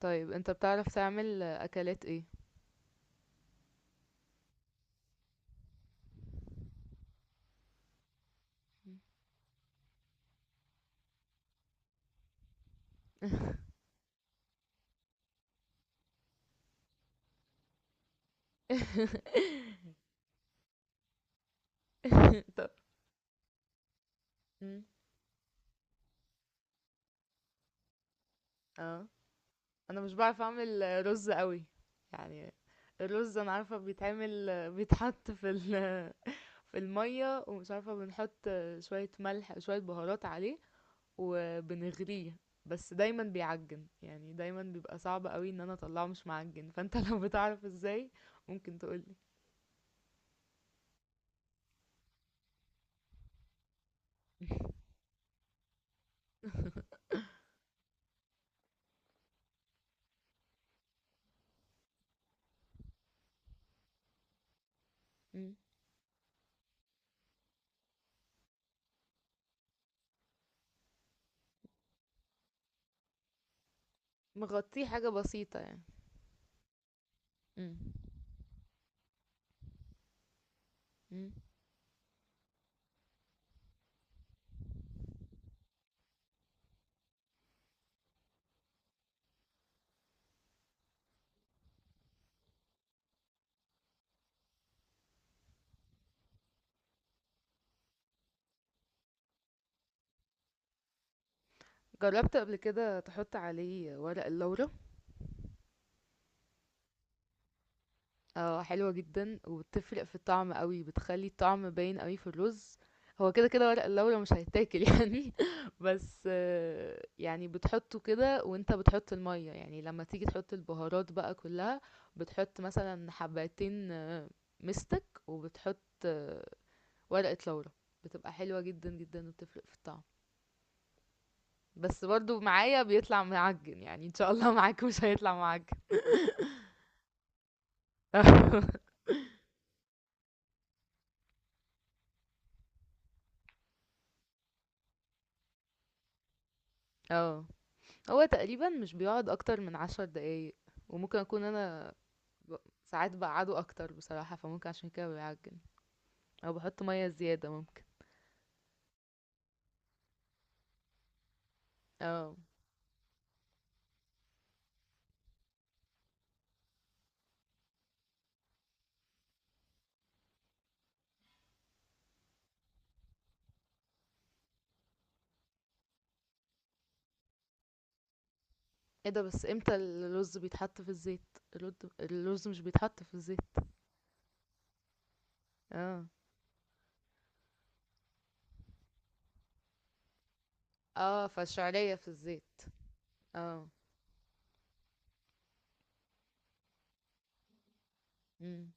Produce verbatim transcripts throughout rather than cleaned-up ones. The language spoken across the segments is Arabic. طيب انت بتعرف تعمل اكلات ايه؟ طب، مم. اه، انا مش بعرف اعمل رز قوي يعني. الرز انا عارفه بيتعمل، بيتحط في ال- في الميه، ومش عارفه بنحط شويه ملح شويه بهارات عليه وبنغليه. بس دايما بيعجن يعني، دايما بيبقى صعب قوي ان انا اطلعه مش معجن، فانت لو بتعرف ازاي ممكن تقولي. مم. مغطيه حاجه بسيطه يعني. مم. مم. جربت قبل كده تحط عليه ورق اللورا؟ اه، حلوة جدا وبتفرق في الطعم قوي، بتخلي الطعم باين قوي في الرز. هو كده كده ورق اللورا مش هيتاكل يعني. بس آه، يعني بتحطه كده وانت بتحط المية، يعني لما تيجي تحط البهارات بقى كلها بتحط مثلا حبتين آه، مستك، وبتحط آه، ورقة لورا. بتبقى حلوة جدا جدا وبتفرق في الطعم. بس برضو معايا بيطلع معجن يعني، ان شاء الله. معاك مش هيطلع معجن. اه، هو تقريبا مش بيقعد اكتر من عشر دقايق. وممكن اكون انا ب- ساعات بقعده اكتر بصراحة، فممكن عشان كده بيعجن، او بحط مية زيادة ممكن. اه، ايه ده؟ بس امتى الرز بيتحط في الزيت؟ الرز الرز مش بيتحط في الزيت. اه اه، فالشعرية في الزيت. اه، امم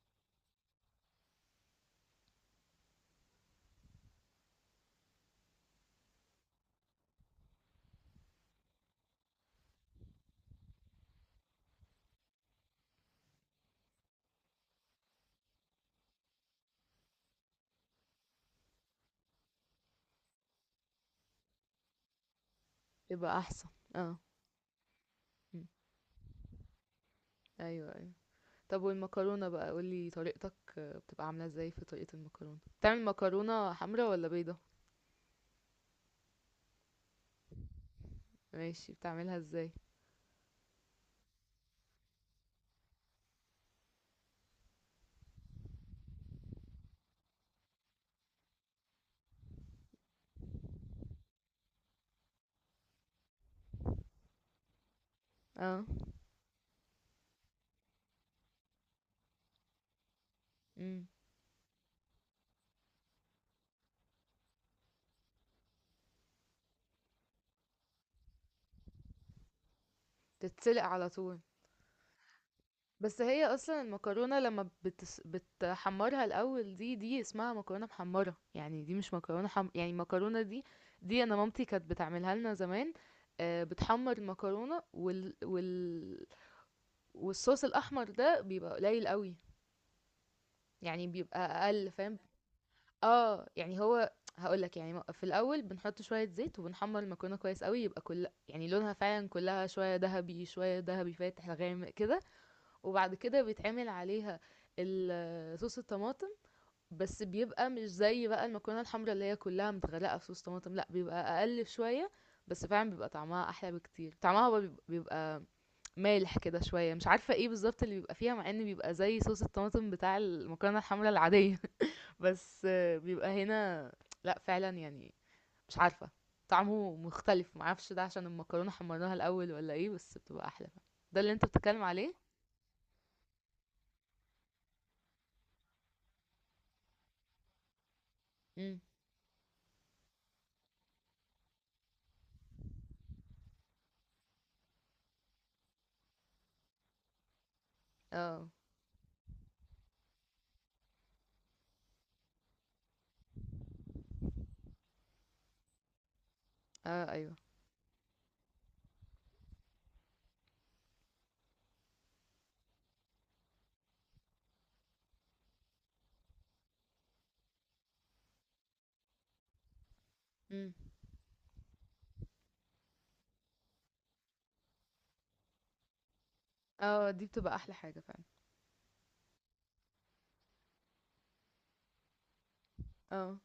يبقى احسن. اه، مم. ايوه ايوه. طب والمكرونة بقى قولي طريقتك، بتبقى عاملة ازاي؟ في طريقة المكرونة بتعمل مكرونة حمرا ولا بيضة؟ ماشي، بتعملها ازاي؟ اه، مم. تتسلق على طول؟ بس هي اصلا المكرونه لما بتس... بتحمرها الاول، دي دي اسمها مكرونه محمره يعني، دي مش مكرونه حم... يعني المكرونه دي، دي انا مامتي كانت بتعملها لنا زمان. آه، بتحمر المكرونه وال... وال... والصوص الاحمر ده بيبقى قليل قوي، يعني بيبقى اقل فاهم. اه يعني هو، هقولك يعني، في الاول بنحط شويه زيت وبنحمر المكرونه كويس قوي، يبقى كل يعني لونها فعلا كلها شويه ذهبي، شويه ذهبي فاتح غامق كده. وبعد كده بيتعمل عليها ال- صوص الطماطم. بس بيبقى مش زي بقى المكرونه الحمراء اللي هي كلها متغرقه في صوص طماطم، لا بيبقى اقل شويه. بس فعلا بيبقى طعمها احلى بكتير، طعمها بقى بيبقى بيبقى مالح كده شويه، مش عارفه ايه بالظبط اللي بيبقى فيها، مع ان بيبقى زي صوص الطماطم بتاع المكرونه الحمراء العاديه. بس آه، بيبقى هنا، لا فعلا يعني، مش عارفه، طعمه مختلف، معرفش ده عشان المكرونه حمرناها الاول ولا ايه، بس بتبقى احلى. ده اللي انت بتتكلم عليه. امم. اه اه ايوه. امم. اه، دي بتبقى احلى حاجة فعلا. اه،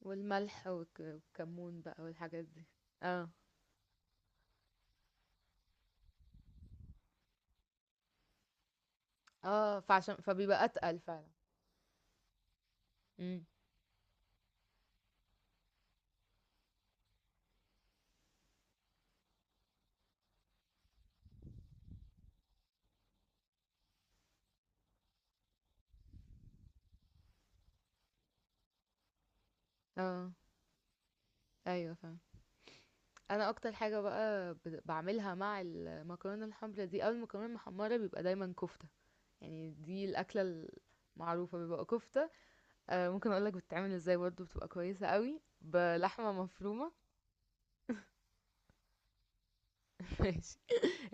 والملح والك- والكمون بقى والحاجات دي. اه اه، فعشان فبيبقى اتقل فعلا. امم. اه ايوه فعلا. انا اكتر حاجة بقى ب- بعملها مع المكرونة الحمرا دي او المكرونة المحمرة بيبقى دايما كفتة. يعني دي الاكلة المعروفة، بيبقى كفتة. آه ممكن اقولك بتتعمل ازاي، برضو بتبقى كويسة قوي بلحمة مفرومة. ماشي،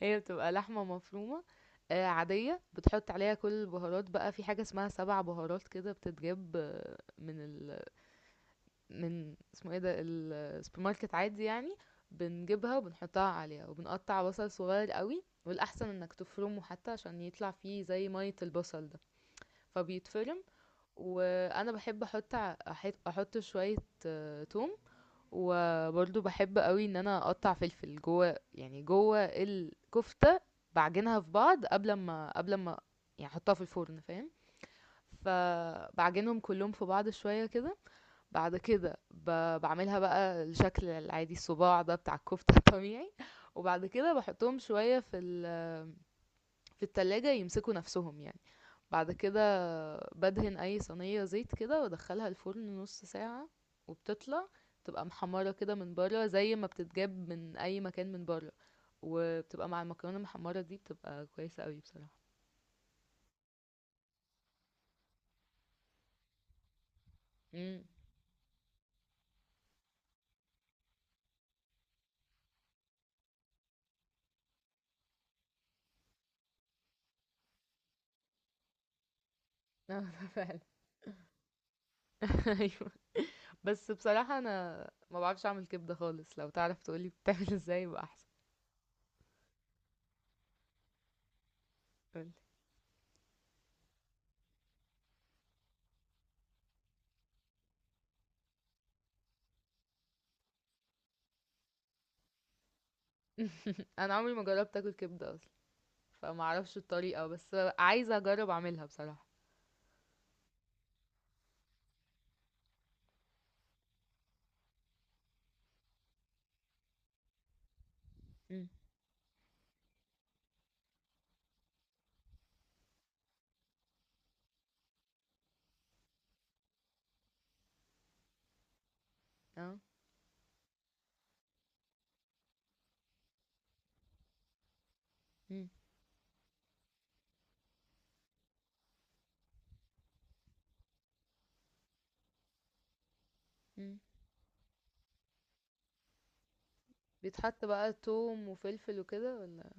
هي بتبقى لحمة مفرومة آه، عادية، بتحط عليها كل البهارات بقى، في حاجة اسمها سبع بهارات كده بتتجاب آه، من ال من اسمه ايه ده، السوبر ماركت عادي يعني. بنجيبها وبنحطها عليها، وبنقطع بصل صغير قوي، والأحسن انك تفرمه حتى عشان يطلع فيه زي مية البصل ده، فبيتفرم. وأنا بحب أحط ع- أحط أحط شوية آه، توم. وبرضه باحب قوي ان انا اقطع فلفل جوه، يعني جوه الكفتة. بعجنها في بعض قبل ما قبل ما يعني احطها في الفرن فاهم، فبعجنهم كلهم في بعض شوية كده. بعد كده ب- بعملها بقى الشكل العادي الصباع ده بتاع الكفتة الطبيعي. وبعد كده بحطهم شوية في ال... في التلاجة يمسكوا نفسهم يعني. بعد كده بدهن اي صينية زيت كده وادخلها الفرن نص ساعة. وبتطلع تبقى محمرة كده من بره زي ما بتتجاب من اي مكان من بره. وبتبقى مع المكرونة المحمرة دي بتبقى كويسة قوي بصراحة. امم. اه ده فعلا. ايوه، بس بصراحة انا ما بعرفش اعمل كبدة خالص، لو تعرف تقولي بتعمل ازاي يبقى احسن. قولي. انا عمري ما جربت اكل كبدة اصلا، فما اعرفش الطريقة، بس عايزة اجرب اعملها بصراحة. امم. اه. امم. امم بيتحط بقى توم وفلفل وكده ولا؟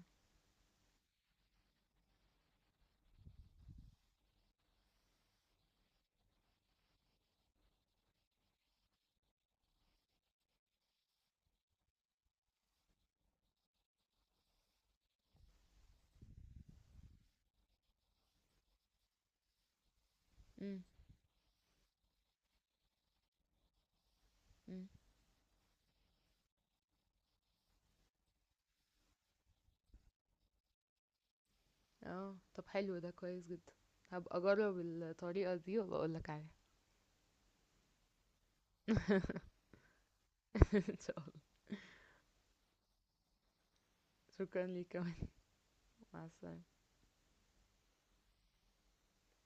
امم. إمم. آه. طب حلو ده كويس جدًا. هابقى أجرّب الطريقة دي وأبقى أقول لك عليها. إن شاء الله. شكرًا ليك كمان. مع السلامة.